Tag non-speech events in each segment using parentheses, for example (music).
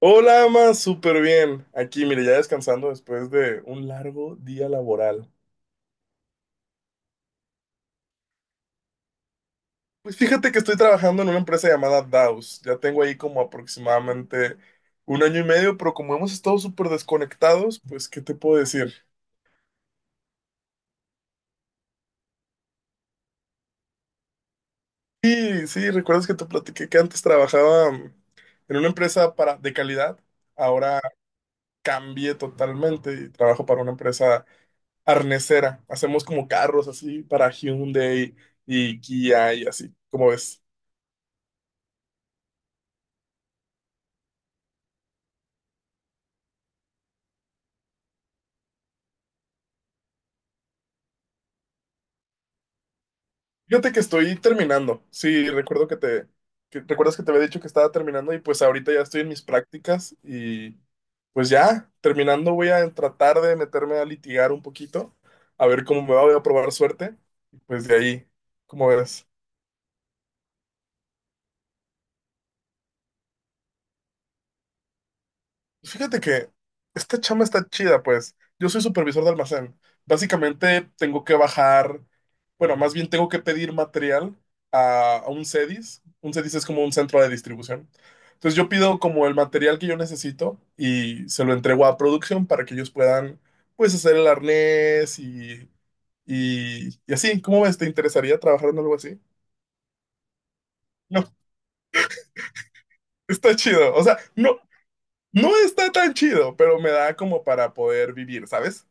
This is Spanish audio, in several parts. Hola, Ama, súper bien. Aquí, mire, ya descansando después de un largo día laboral. Pues fíjate que estoy trabajando en una empresa llamada Daus. Ya tengo ahí como aproximadamente un año y medio, pero como hemos estado súper desconectados, pues, ¿qué te puedo decir? Sí, sí, ¿recuerdas que te platiqué que antes trabajaba en una empresa para, de calidad? Ahora cambié totalmente y trabajo para una empresa arnesera. Hacemos como carros así para Hyundai y Kia y así, como ves. Fíjate que estoy terminando. Sí, recuerdo que te, recuerdas que te había dicho que estaba terminando y pues ahorita ya estoy en mis prácticas y pues ya terminando voy a tratar de meterme a litigar un poquito, a ver cómo me va, voy a probar suerte y pues de ahí, ¿cómo ves? Fíjate que esta chamba está chida, pues. Yo soy supervisor de almacén. Básicamente tengo que bajar, bueno, más bien tengo que pedir material a un CEDIS. Un CEDIS es como un centro de distribución. Entonces yo pido como el material que yo necesito y se lo entrego a producción para que ellos puedan, pues, hacer el arnés y, y así. ¿Cómo ves? ¿Te interesaría trabajar en algo así? No, (laughs) está chido. O sea, no, no está tan chido, pero me da como para poder vivir, ¿sabes?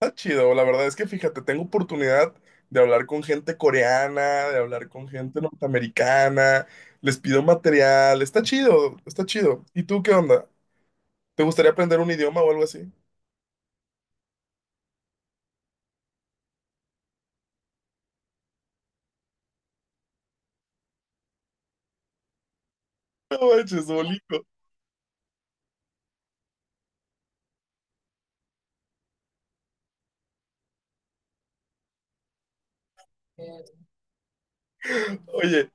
Está chido, la verdad es que fíjate, tengo oportunidad de hablar con gente coreana, de hablar con gente norteamericana, les pido material, está chido, está chido. ¿Y tú qué onda? ¿Te gustaría aprender un idioma o algo así? No manches, bonito. Oye,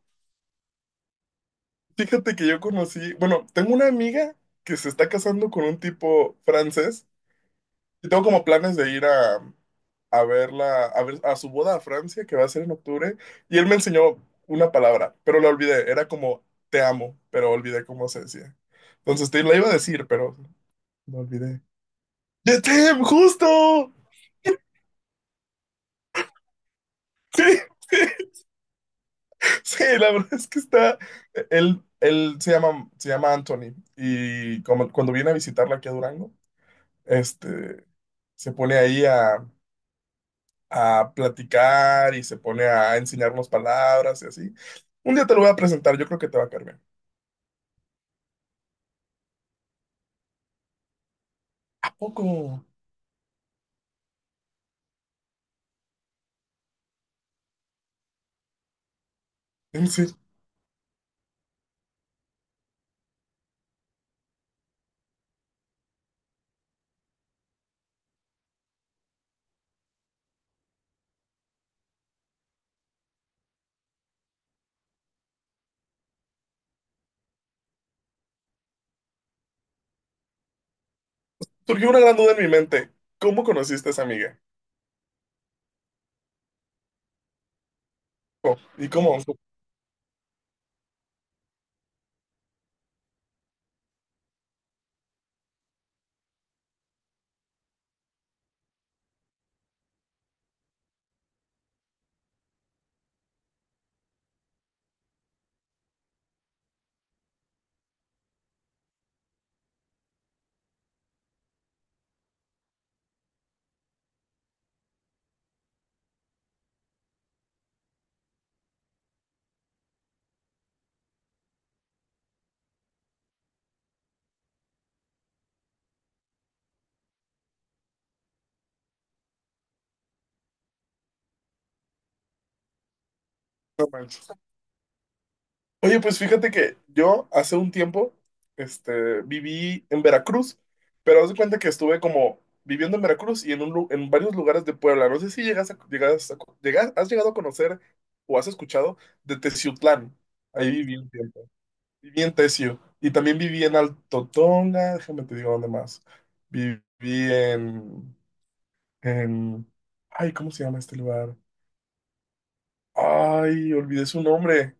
fíjate que yo conocí, bueno, tengo una amiga que se está casando con un tipo francés. Yo tengo como planes de ir a verla, a ver a su boda a Francia, que va a ser en octubre, y él me enseñó una palabra, pero la olvidé. Era como te amo, pero olvidé cómo se decía. Entonces te la iba a decir, pero no olvidé. ¡Ya te amo! ¡Justo! (laughs) Sí, sí, sí, la verdad es que está. Él se llama Anthony, y como, cuando viene a visitarla aquí a Durango, este, se pone ahí a platicar y se pone a enseñarnos palabras y así. Un día te lo voy a presentar, yo creo que te va a caer bien. ¿A poco? En serio. Surgió una gran duda en mi mente. ¿Cómo conociste a esa amiga? Oh, ¿y cómo? No manches. Oye, pues fíjate que yo hace un tiempo viví en Veracruz, pero haz de cuenta que estuve como viviendo en Veracruz y en, un, en varios lugares de Puebla. No sé si has llegado a conocer o has escuchado de Teciutlán. Ahí viví un tiempo. Viví en Tesio y también viví en Alto Tonga, déjame te digo dónde más. Viví en, en, ay, ¿cómo se llama este lugar? Ay, olvidé su nombre.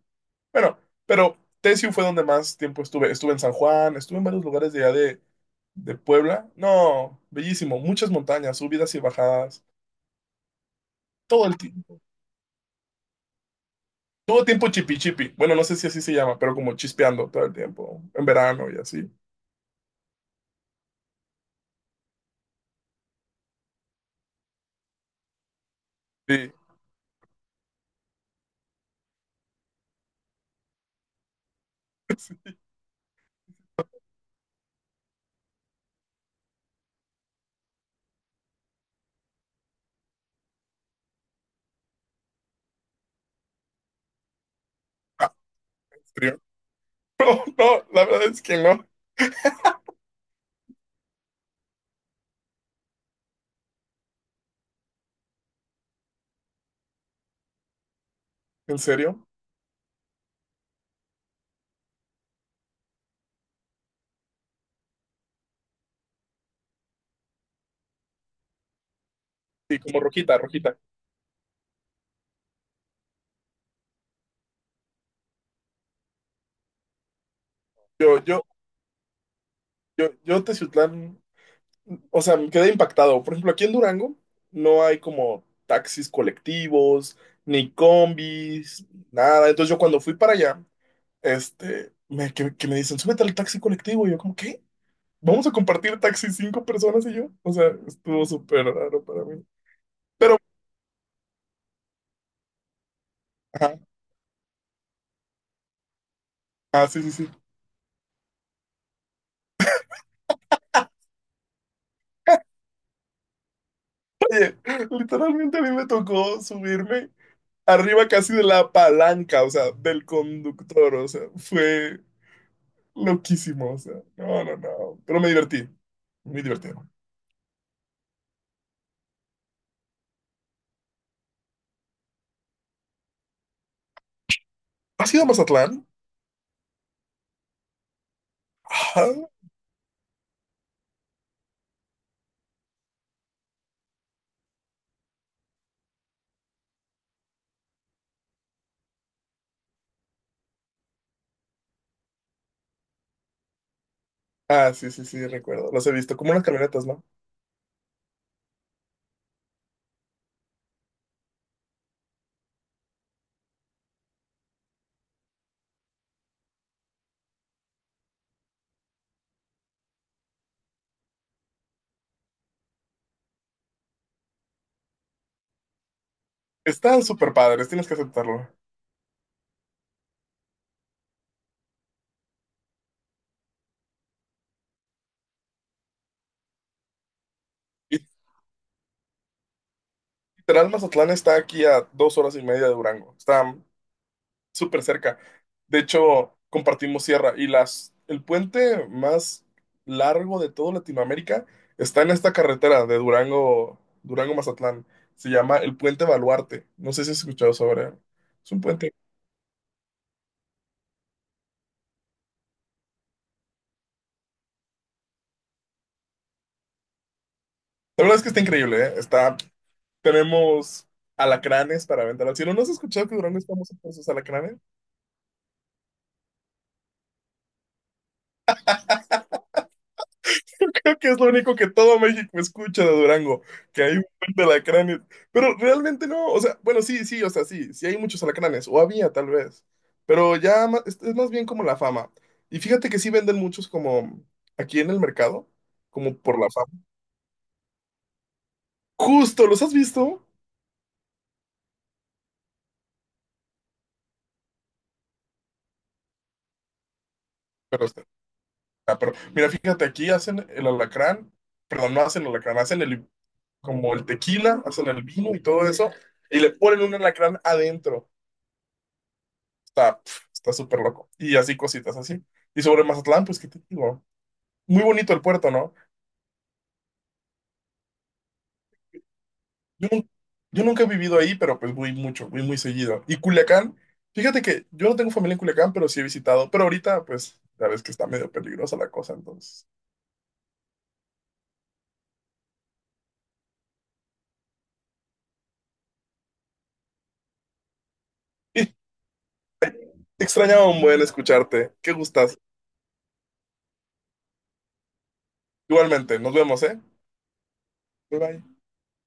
Bueno, pero Tesio fue donde más tiempo estuve. Estuve en San Juan, estuve en varios lugares de allá de Puebla. No, bellísimo, muchas montañas, subidas y bajadas, todo el tiempo. Todo el tiempo chipi chipi. Bueno, no sé si así se llama, pero como chispeando todo el tiempo, en verano y así. Sí. (laughs) Sí. Ah, frío. (laughs) No, no, la verdad es que no. ¿En serio? Sí, como rojita, rojita. Yo, yo, yo Teciutlán, o sea, me quedé impactado. Por ejemplo, aquí en Durango no hay como taxis colectivos, ni combis, nada. Entonces yo cuando fui para allá, me, que me dicen, súbete al taxi colectivo. Y yo como, ¿qué? ¿Vamos a compartir taxi cinco personas y yo? O sea, estuvo súper raro para mí. Pero, ajá, ah, sí, sí, sí. Oye, literalmente a mí me tocó subirme arriba casi de la palanca, o sea, del conductor, o sea, fue loquísimo, o sea, no, no, no, pero me divertí, muy divertido. ¿Has ido a Mazatlán? Ajá. Ah, sí, sí, sí, recuerdo, los he visto, como unas camionetas, ¿no? Están súper padres, tienes que aceptarlo. Y literal, Mazatlán está aquí a dos horas y media de Durango, está súper cerca. De hecho, compartimos sierra y las, el puente más largo de toda Latinoamérica está en esta carretera de Durango, Durango-Mazatlán. Se llama el Puente Baluarte. No sé si has escuchado sobre él. Es un puente. La verdad es que está increíble, ¿eh? Está, tenemos alacranes para aventar al cielo. ¿No has escuchado que Durango es famoso por sus alacranes? (laughs) Creo que es lo único que todo México escucha de Durango, que hay un buen de alacranes. Pero realmente no, o sea, bueno, sí, sí, o sea, sí, sí hay muchos alacranes, o había tal vez, pero ya es más bien como la fama. Y fíjate que sí venden muchos como aquí en el mercado, como por la fama. Justo, ¿los has visto? Pero, ah, pero mira, fíjate, aquí hacen el alacrán, perdón, no hacen el alacrán, hacen el, como el tequila, hacen el vino y todo eso, y le ponen un alacrán adentro. Está, pf, está súper loco. Y así cositas así. Y sobre Mazatlán, pues, ¿qué te digo? Muy bonito el puerto, ¿no? Yo, nun- yo nunca he vivido ahí, pero pues voy mucho, voy muy seguido. Y Culiacán, fíjate que yo no tengo familia en Culiacán, pero sí he visitado. Pero ahorita, pues, ya ves que está medio peligrosa la cosa, entonces. (laughs) Y te extrañaba un buen escucharte. Qué gustas. Igualmente, nos vemos, ¿eh? Bye bye.